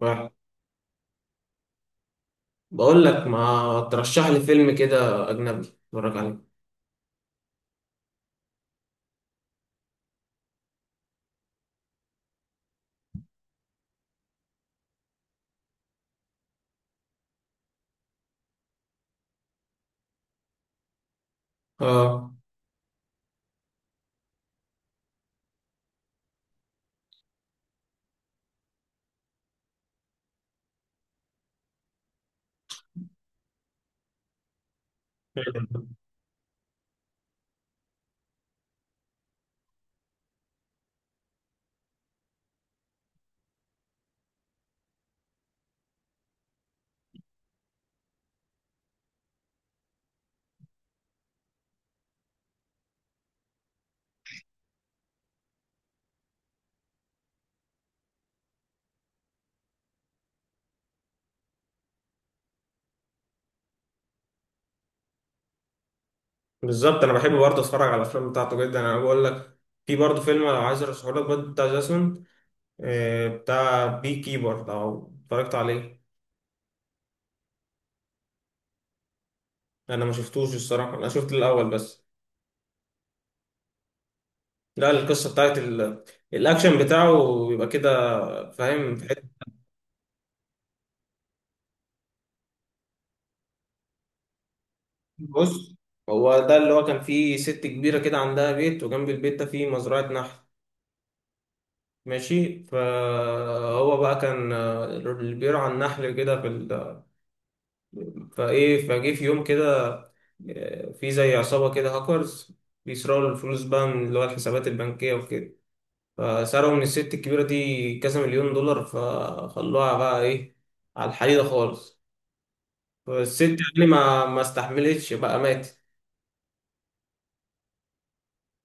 واحد، بقول لك ما ترشح لي فيلم كده اجنبي اتفرج عليه. اه، بالظبط انا بحب برضه اتفرج على الافلام بتاعته جدا. انا بقول لك، في برضه فيلم لو عايز ارشحه لك برضه بتاع جاسون، بتاع بي كيبر لو اتفرجت عليه. انا ما شفتوش الصراحه، انا شفت الاول بس. لا، القصه بتاعت الاكشن بتاعه بيبقى كده، فاهم، في حته. بص، هو ده اللي هو كان فيه ست كبيره كده عندها بيت، وجنب البيت ده فيه مزرعه نحل. ماشي، فهو بقى كان، اللي بيرعى النحل كده في فايه فجه في يوم كده، في زي عصابة كده هاكرز بيسرقوا الفلوس بقى من اللي هو الحسابات البنكية وكده. فسرقوا من الست الكبيرة دي كذا مليون دولار، فخلوها بقى ايه، على الحديدة خالص. فالست يعني ما استحملتش بقى، ماتت.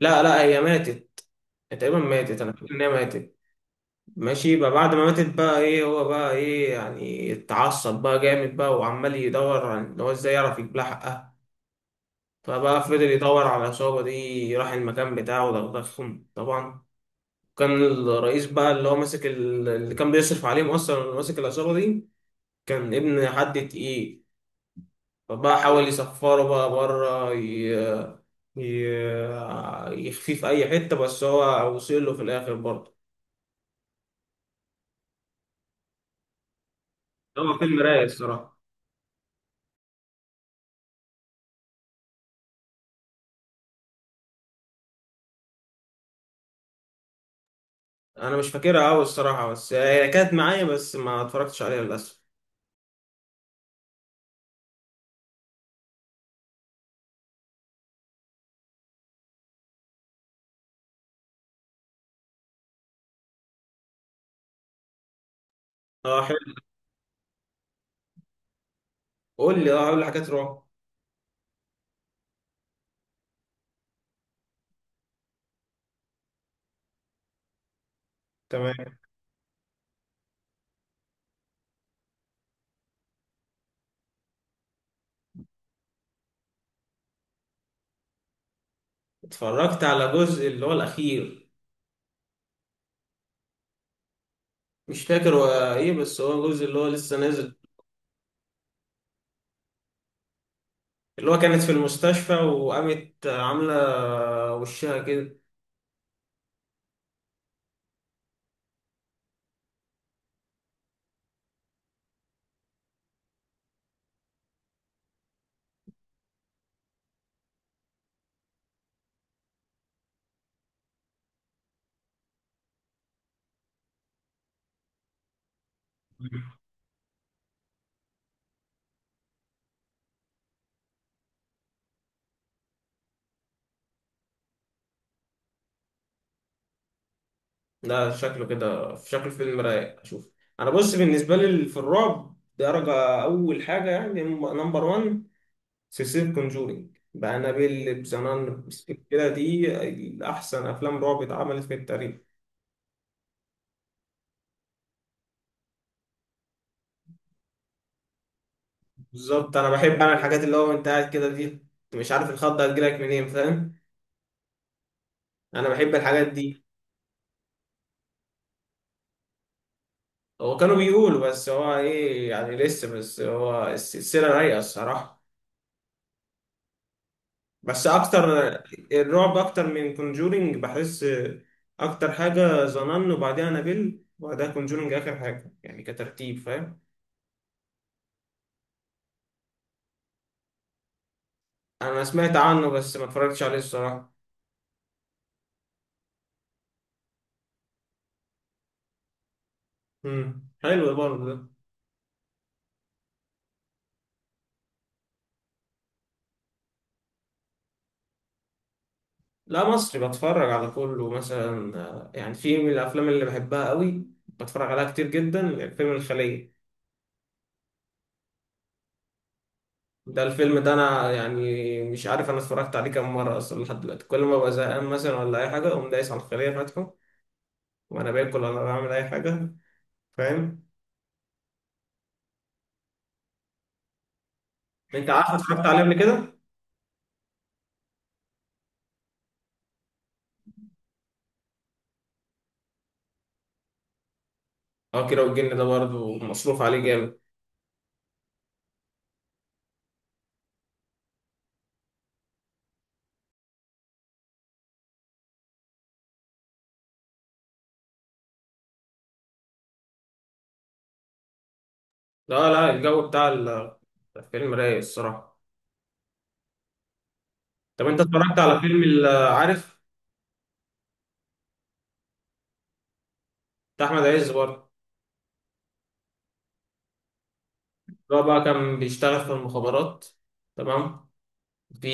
لا لا، هي ماتت، تقريبا ماتت، انا فاكر ان هي ماتت. ماشي، بقى بعد ما ماتت بقى ايه، هو بقى ايه يعني، اتعصب بقى جامد بقى، وعمال يدور عن ان هو ازاي يعرف يجيب لها حقها. فبقى فضل يدور على العصابة دي، راح المكان بتاعه ودغدغهم طبعا. كان الرئيس بقى اللي هو ماسك اللي كان بيصرف عليهم اصلا، اللي ماسك العصابة دي، كان ابن حد تقيل. فبقى حاول يسفره بقى بره، ي... يخفيه في اي حتة، بس هو وصل له في الاخر برضه. هو فيلم رايق الصراحة. انا مش فاكرها قوي الصراحه، بس هي كانت معايا بس ما اتفرجتش عليها للاسف. اه حلو. قول لي حاجات رعب. تمام. اتفرجت على جزء اللي هو الاخير. مش فاكر هو ايه، بس هو جزء اللي هو لسه نازل. اللي هو كانت في المستشفى وقامت عامله وشها كده. ده شكله كده في شكل فيلم رايق، اشوف. انا بص، بالنسبه لي في الرعب، درجه اول حاجه يعني، نمبر 1 سلسلة كونجورينج بأنابيل بزنان. كده دي أحسن أفلام رعب اتعملت في التاريخ. بالظبط، أنا بحب أنا الحاجات اللي هو أنت قاعد كده دي، أنت مش عارف الخضة هتجيلك منين، فاهم. أنا بحب الحاجات دي. هو كانوا بيقولوا، بس هو إيه يعني لسه، بس هو السلسلة رايقة الصراحة. بس أكتر، الرعب أكتر من كونجورينج بحس. أكتر حاجة زنان، وبعديها أنابيل، وبعدها كونجورينج آخر حاجة يعني، كترتيب، فاهم. أنا سمعت عنه بس ما اتفرجتش عليه الصراحة. مم. حلو برضه ده. لا، مصري بتفرج على كله مثلا، يعني في من الافلام اللي بحبها قوي بتفرج عليها كتير جدا فيلم الخلية. ده الفيلم ده انا يعني، مش عارف انا اتفرجت عليه كام مره اصلا لحد دلوقتي. كل ما ببقى زهقان مثلا ولا اي حاجه اقوم دايس على الخلية فاتحه، وانا باكل ولا بعمل اي حاجه، فاهم. انت عارف اتفرجت عليه قبل كده. اه كده، والجن ده برضه مصروف عليه جامد. لا لا، الجو بتاع الفيلم رايق الصراحه. طب انت اتفرجت على فيلم عارف، بتاع احمد عز برضه. هو بقى كان بيشتغل في المخابرات، تمام. في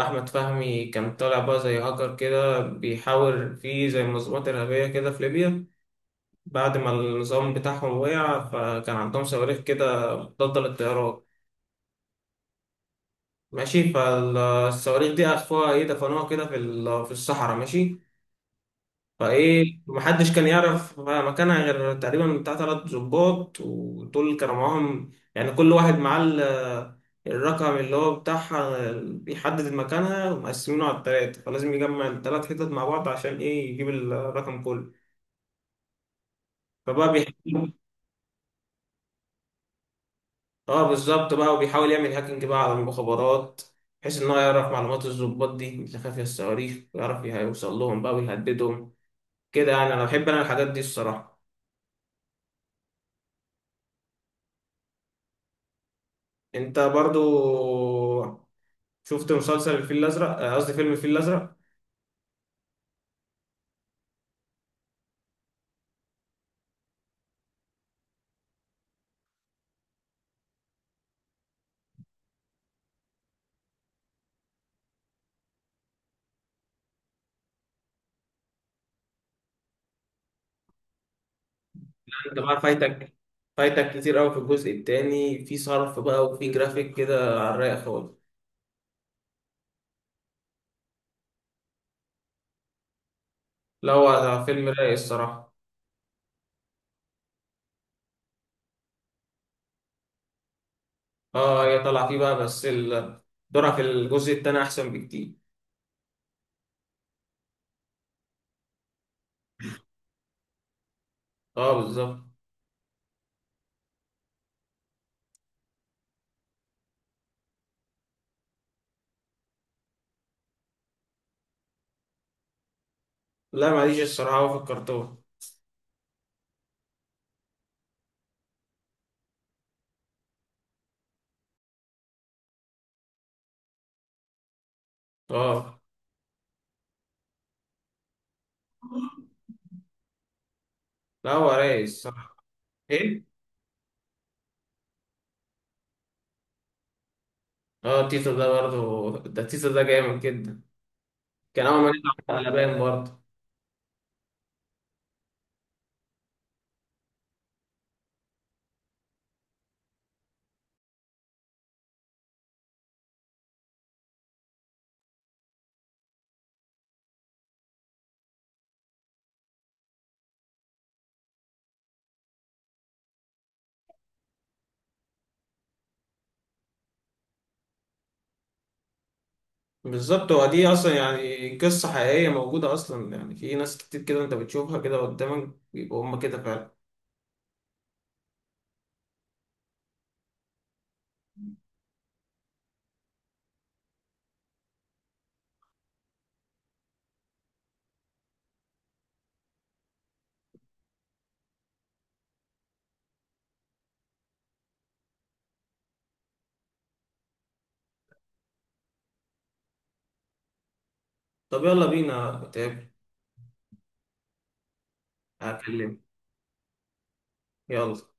أحمد فهمي كان طالع بقى زي هاكر كده، بيحاول في زي منظمات إرهابية كده في ليبيا بعد ما النظام بتاعهم وقع. فكان عندهم صواريخ كده مضادة للطيران، ماشي. فالصواريخ دي أخفوها، إيه، دفنوها كده في في الصحراء، ماشي. فايه محدش كان يعرف مكانها، غير تقريبا بتاع تلات ظباط. ودول كانوا معاهم يعني، كل واحد معاه الرقم اللي هو بتاعها بيحدد مكانها، ومقسمينه على التلاتة، فلازم يجمع التلات حتت مع بعض عشان ايه، يجيب الرقم كله. فبقى بيحاول، اه بالظبط بقى، وبيحاول يعمل هاكينج بقى على المخابرات، بحيث ان هو يعرف معلومات الظباط دي اللي خافية الصواريخ، ويعرف يوصل لهم بقى ويهددهم كده يعني. انا بحب انا الحاجات دي الصراحة. انت برضو شفت مسلسل الفيل الازرق، قصدي فيلم الفيل الازرق. انت بقى فايتك كتير قوي في الجزء التاني. في صرف بقى، وفي جرافيك كده على الرايق خالص. لا، هو فيلم رايق الصراحه. اه، هي طالعه فيه بقى، بس دورها في الجزء التاني احسن بكتير. اه بالظبط. لا، ماليش الصراحه هو في الكرتون. اه. لا، هو رايق الصراحه. ايه. اه، تيتو، ده برضه ده تيتو ده جامد جدا. كان اول ما نطلع على بالي برضه. بالظبط، هو دي اصلا يعني قصة حقيقية موجودة اصلا. يعني في ناس كتير كده انت بتشوفها كده قدامك، بيبقوا هما كده فعلا. طب يلا بينا نتقابل. هكلمك. يلا.